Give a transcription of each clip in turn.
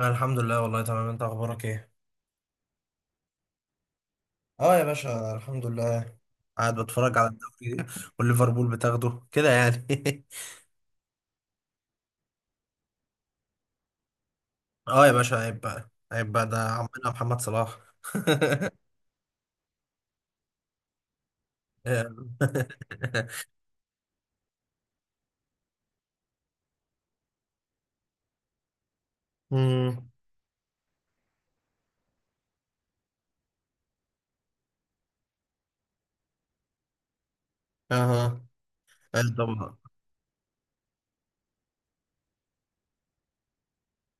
أنا الحمد لله والله تمام. انت اخبارك ايه؟ اه يا باشا، الحمد لله. قاعد بتفرج على الدوري، والليفربول بتاخده كده يعني. اه يا باشا، عيب بقى عيب بقى، ده عمنا محمد صلاح. امم اها. طبعا.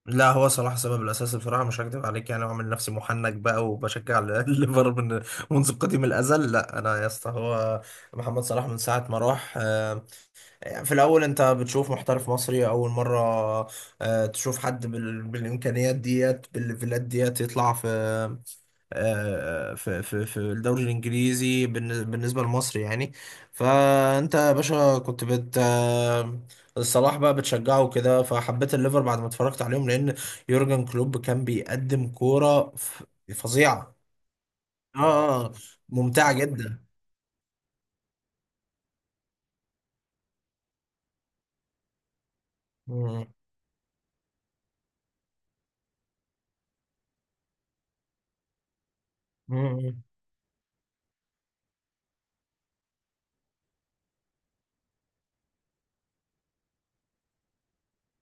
لا، هو صلاح السبب الاساسي بصراحه، مش هكدب عليك يعني، وعامل نفسي محنك بقى وبشجع الليفر من منذ قديم الازل. لا انا يا اسطى، هو محمد صلاح من ساعه ما راح. في الأول أنت بتشوف محترف مصري أول مرة. تشوف حد بالإمكانيات ديت بالليفلات ديت يطلع في. في الدوري الإنجليزي بالنسبة لمصر يعني. فأنت يا باشا كنت بت آه، الصلاح بقى بتشجعه كده، فحبيت الليفر بعد ما اتفرجت عليهم، لأن يورجن كلوب كان بيقدم كورة فظيعة. آه آه، ممتعة جدا. مم.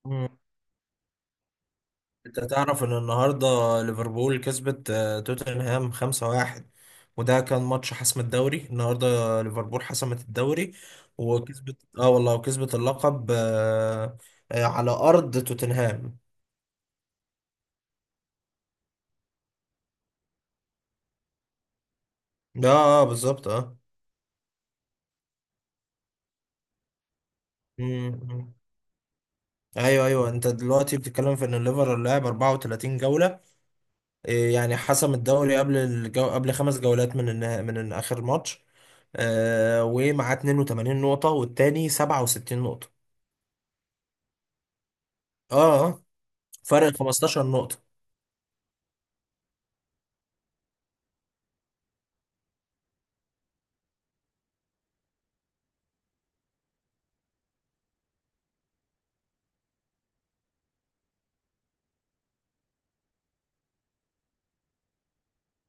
مم. انت تعرف ان النهارده ليفربول كسبت توتنهام 5-1، وده كان ماتش حسم الدوري النهارده. ليفربول حسمت الدوري، وكسبت اه والله، وكسبت اللقب، على ارض توتنهام. اه، بالظبط اه. مم. ايوه ايوه، انت دلوقتي بتتكلم في ان الليفر لعب 34 جوله. إيه يعني، حسم الدوري قبل قبل 5 جولات من من اخر ماتش. ومعاه 82 نقطه، والتاني 67 نقطه. اه. آه. فرق 15 نقطة.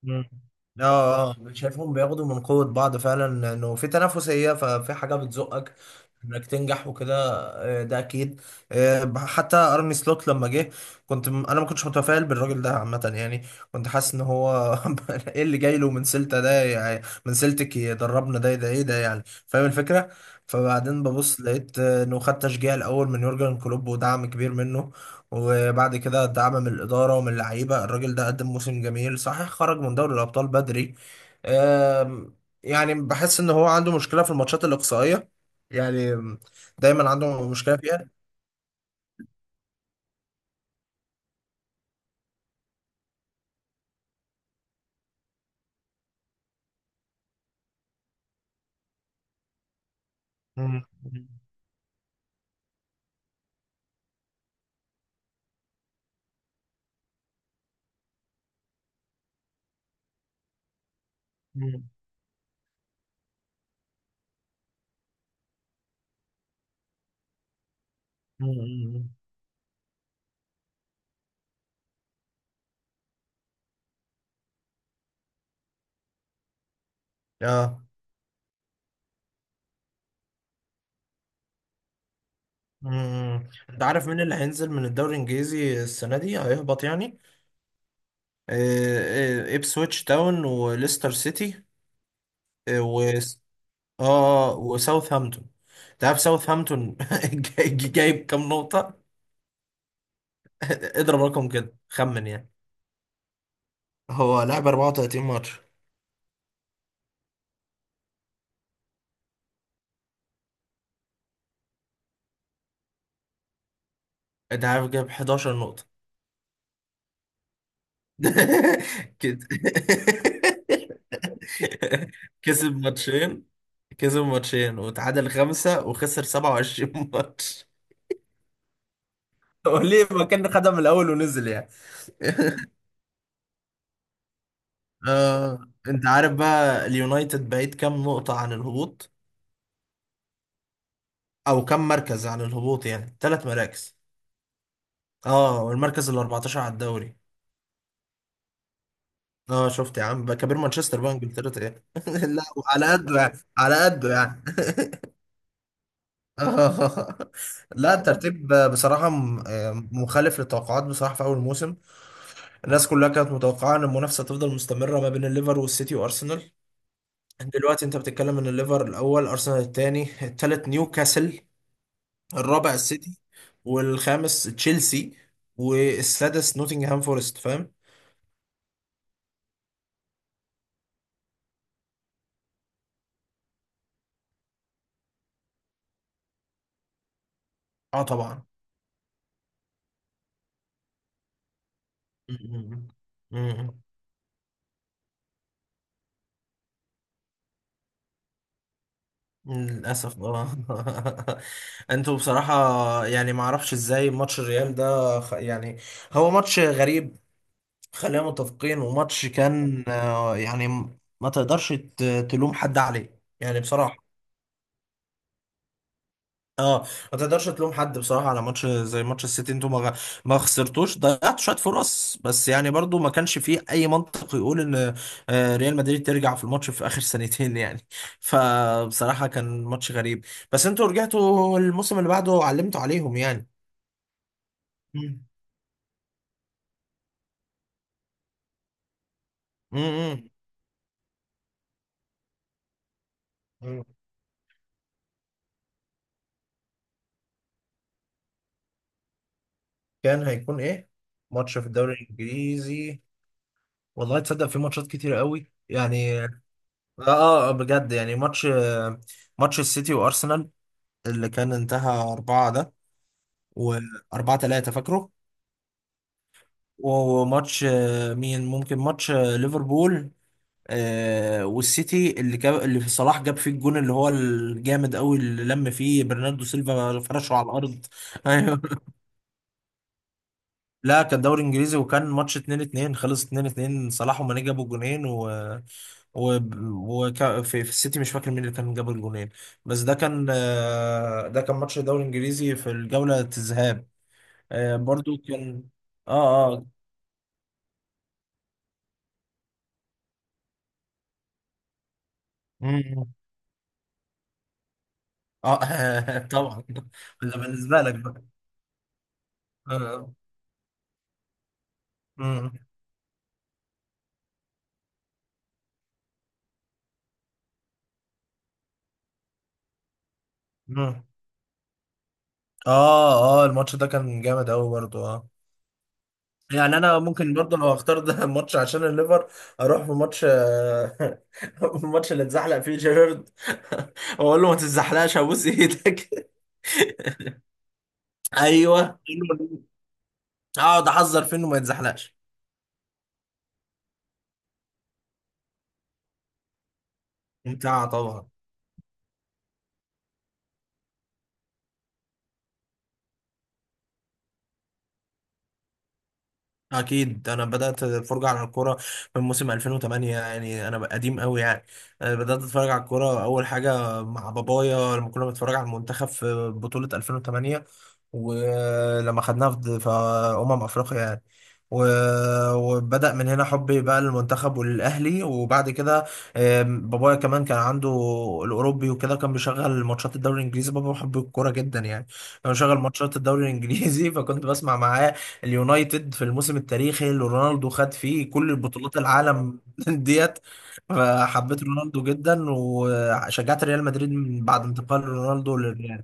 مم. اه اه، شايفهم بياخدوا من قوة بعض فعلا، انه في تنافسية، ففي حاجة بتزقك انك تنجح وكده. ده اكيد. حتى ارني سلوت لما جه، انا ما كنتش متفائل بالراجل ده عامة يعني. كنت حاسس ان هو ايه اللي جاي له من سلتا ده، يعني من سلتك يدربنا؟ ده ايه ده يعني، فاهم الفكرة؟ فبعدين ببص لقيت انه خد تشجيع الاول من يورجن كلوب ودعم كبير منه، وبعد كده دعم من الإدارة ومن اللعيبة. الراجل ده قدم موسم جميل صحيح، خرج من دوري الأبطال بدري. آم، يعني بحس إن هو عنده مشكلة في الماتشات الإقصائية يعني، دايما عنده مشكلة فيها. مم. مم. مم. اه. مم. انت عارف مين اللي هينزل من الدوري الانجليزي السنه دي، هيهبط يعني؟ ابسويتش تاون وليستر سيتي. اه، وساوثهامبتون. تعرف ساوثهامبتون جايب كام نقطة؟ اضرب رقم كده، خمن يعني. هو لعب 34 ماتش. انت عارف جايب 11 نقطة. كده. كسب ماتشين كسب ماتشين وتعادل 5 وخسر 27 ماتش. هو ليه ما كان خدها من الاول ونزل يعني؟ آه، انت عارف بقى اليونايتد بعيد كام نقطة عن الهبوط، او كام مركز عن الهبوط؟ يعني ثلاث مراكز. اه، والمركز ال 14 على الدوري. اه، شفت يا عم بقى، كبير مانشستر بقى انجلترا ايه؟ لا، على قده يعني على قده يعني. آه. لا، الترتيب بصراحة مخالف للتوقعات بصراحة. في أول موسم الناس كلها كانت متوقعة إن المنافسة تفضل مستمرة ما بين الليفر والسيتي وأرسنال. دلوقتي أنت بتتكلم إن الليفر الأول، أرسنال الثاني، الثالث نيوكاسل، الرابع السيتي، والخامس تشيلسي، والسادس نوتنغهام فورست، فاهم؟ اه طبعا. للأسف اه. انتوا بصراحة، يعني ما اعرفش ازاي ماتش الريال ده يعني، هو ماتش غريب، خلينا متفقين. وماتش كان يعني ما تقدرش تلوم حد عليه يعني بصراحة. اه، ما تقدرش تلوم حد بصراحه على ماتش زي ماتش السيتي. انتوا ما خسرتوش، ضيعتوا شويه فرص بس، يعني برضو ما كانش فيه اي منطق يقول ان ريال مدريد ترجع في الماتش في اخر سنتين يعني. فبصراحه كان ماتش غريب. بس انتوا رجعتوا الموسم اللي بعده، علمتوا عليهم يعني. مم. امم كان هيكون ايه ماتش في الدوري الانجليزي؟ والله تصدق في ماتشات كتير قوي يعني. اه، بجد يعني. ماتش السيتي وارسنال اللي كان انتهى أربعة، ده وأربعة تلاتة، فاكره. وماتش آه، مين ممكن ماتش آه، ليفربول والسيتي، اللي جاب اللي في صلاح جاب فيه الجون، اللي هو الجامد قوي، اللي لم فيه برناردو سيلفا فرشه على الأرض. ايوه، لا كان دوري انجليزي، وكان ماتش 2-2، خلص 2-2، صلاح وماني جابوا جونين. و, و... في السيتي مش فاكر مين اللي كان جاب الجونين. بس ده كان ماتش الدوري الانجليزي في الجولة الذهاب. برضو كان. اه اه. مم. اه، طبعا ده بالنسبة لك بقى. اه. مم. مم. اه اه، الماتش ده كان جامد قوي برضو اه. يعني انا ممكن برضو لو اختار ده ماتش عشان الليفر، اروح في ماتش، الماتش اللي اتزحلق فيه جيرارد، واقول له ما تتزحلقش ابوس ايدك. ايوه، اقعد احذر فيه انه ما يتزحلقش. ممتعة طبعا. اكيد، انا بدات الفرجه على الكوره من موسم 2008، يعني انا قديم قوي يعني. أنا بدات اتفرج على الكوره اول حاجه مع بابايا، لما كنا بنتفرج على المنتخب في بطوله 2008، ولما خدناها في افريقيا يعني. وبدأ من هنا حبي بقى للمنتخب وللأهلي. وبعد كده بابايا كمان كان عنده الأوروبي وكده، كان بيشغل ماتشات الدوري الإنجليزي. بابا بيحب الكورة جدا يعني، كان بيشغل ماتشات الدوري الإنجليزي. فكنت بسمع معاه اليونايتد في الموسم التاريخي اللي رونالدو خد فيه كل بطولات العالم ديت. فحبيت رونالدو جدا، وشجعت ريال مدريد من بعد انتقال رونالدو للريال.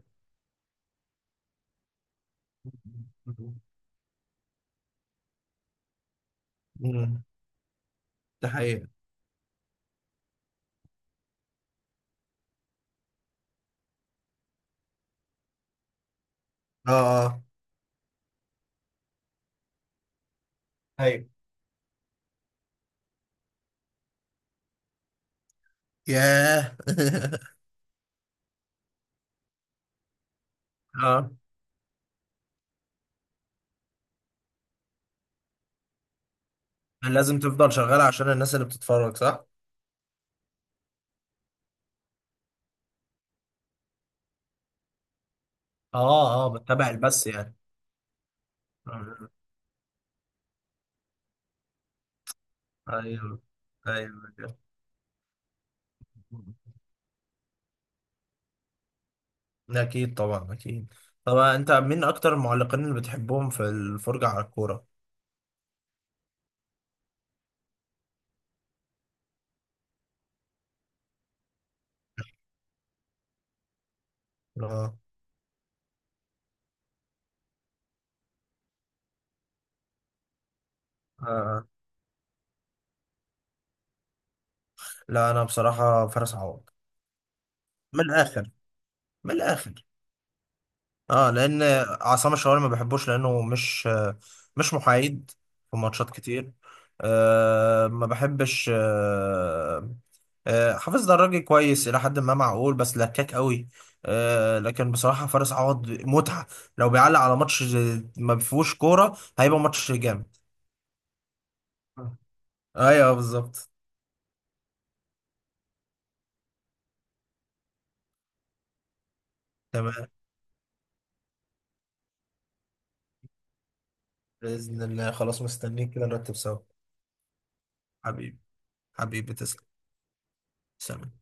مم. ده حقيقة. اه اه. ايوه. ياه. اه. لازم تفضل شغال عشان الناس اللي بتتفرج صح؟ اه اه، بتابع البث يعني. آه، ايوه ايوه. اكيد طبعا اكيد. طبعا، انت مين اكتر المعلقين اللي بتحبهم في الفرجة على الكورة؟ اه. آه. لا انا بصراحه فارس عوض. من الاخر. من الاخر. اه، لان عصام الشوالي ما بحبوش، لانه مش محايد في ماتشات كتير. ما بحبش. حافظ دراجي كويس الى حد ما معقول، بس لكاك قوي. لكن بصراحه فارس عوض متعه، لو بيعلق على ماتش ما فيهوش كوره هيبقى ماتش جامد. آه. ايوه بالظبط. تمام، باذن الله خلاص مستنيك كده نرتب سوا. حبيبي. حبيبي تسلم. سلام.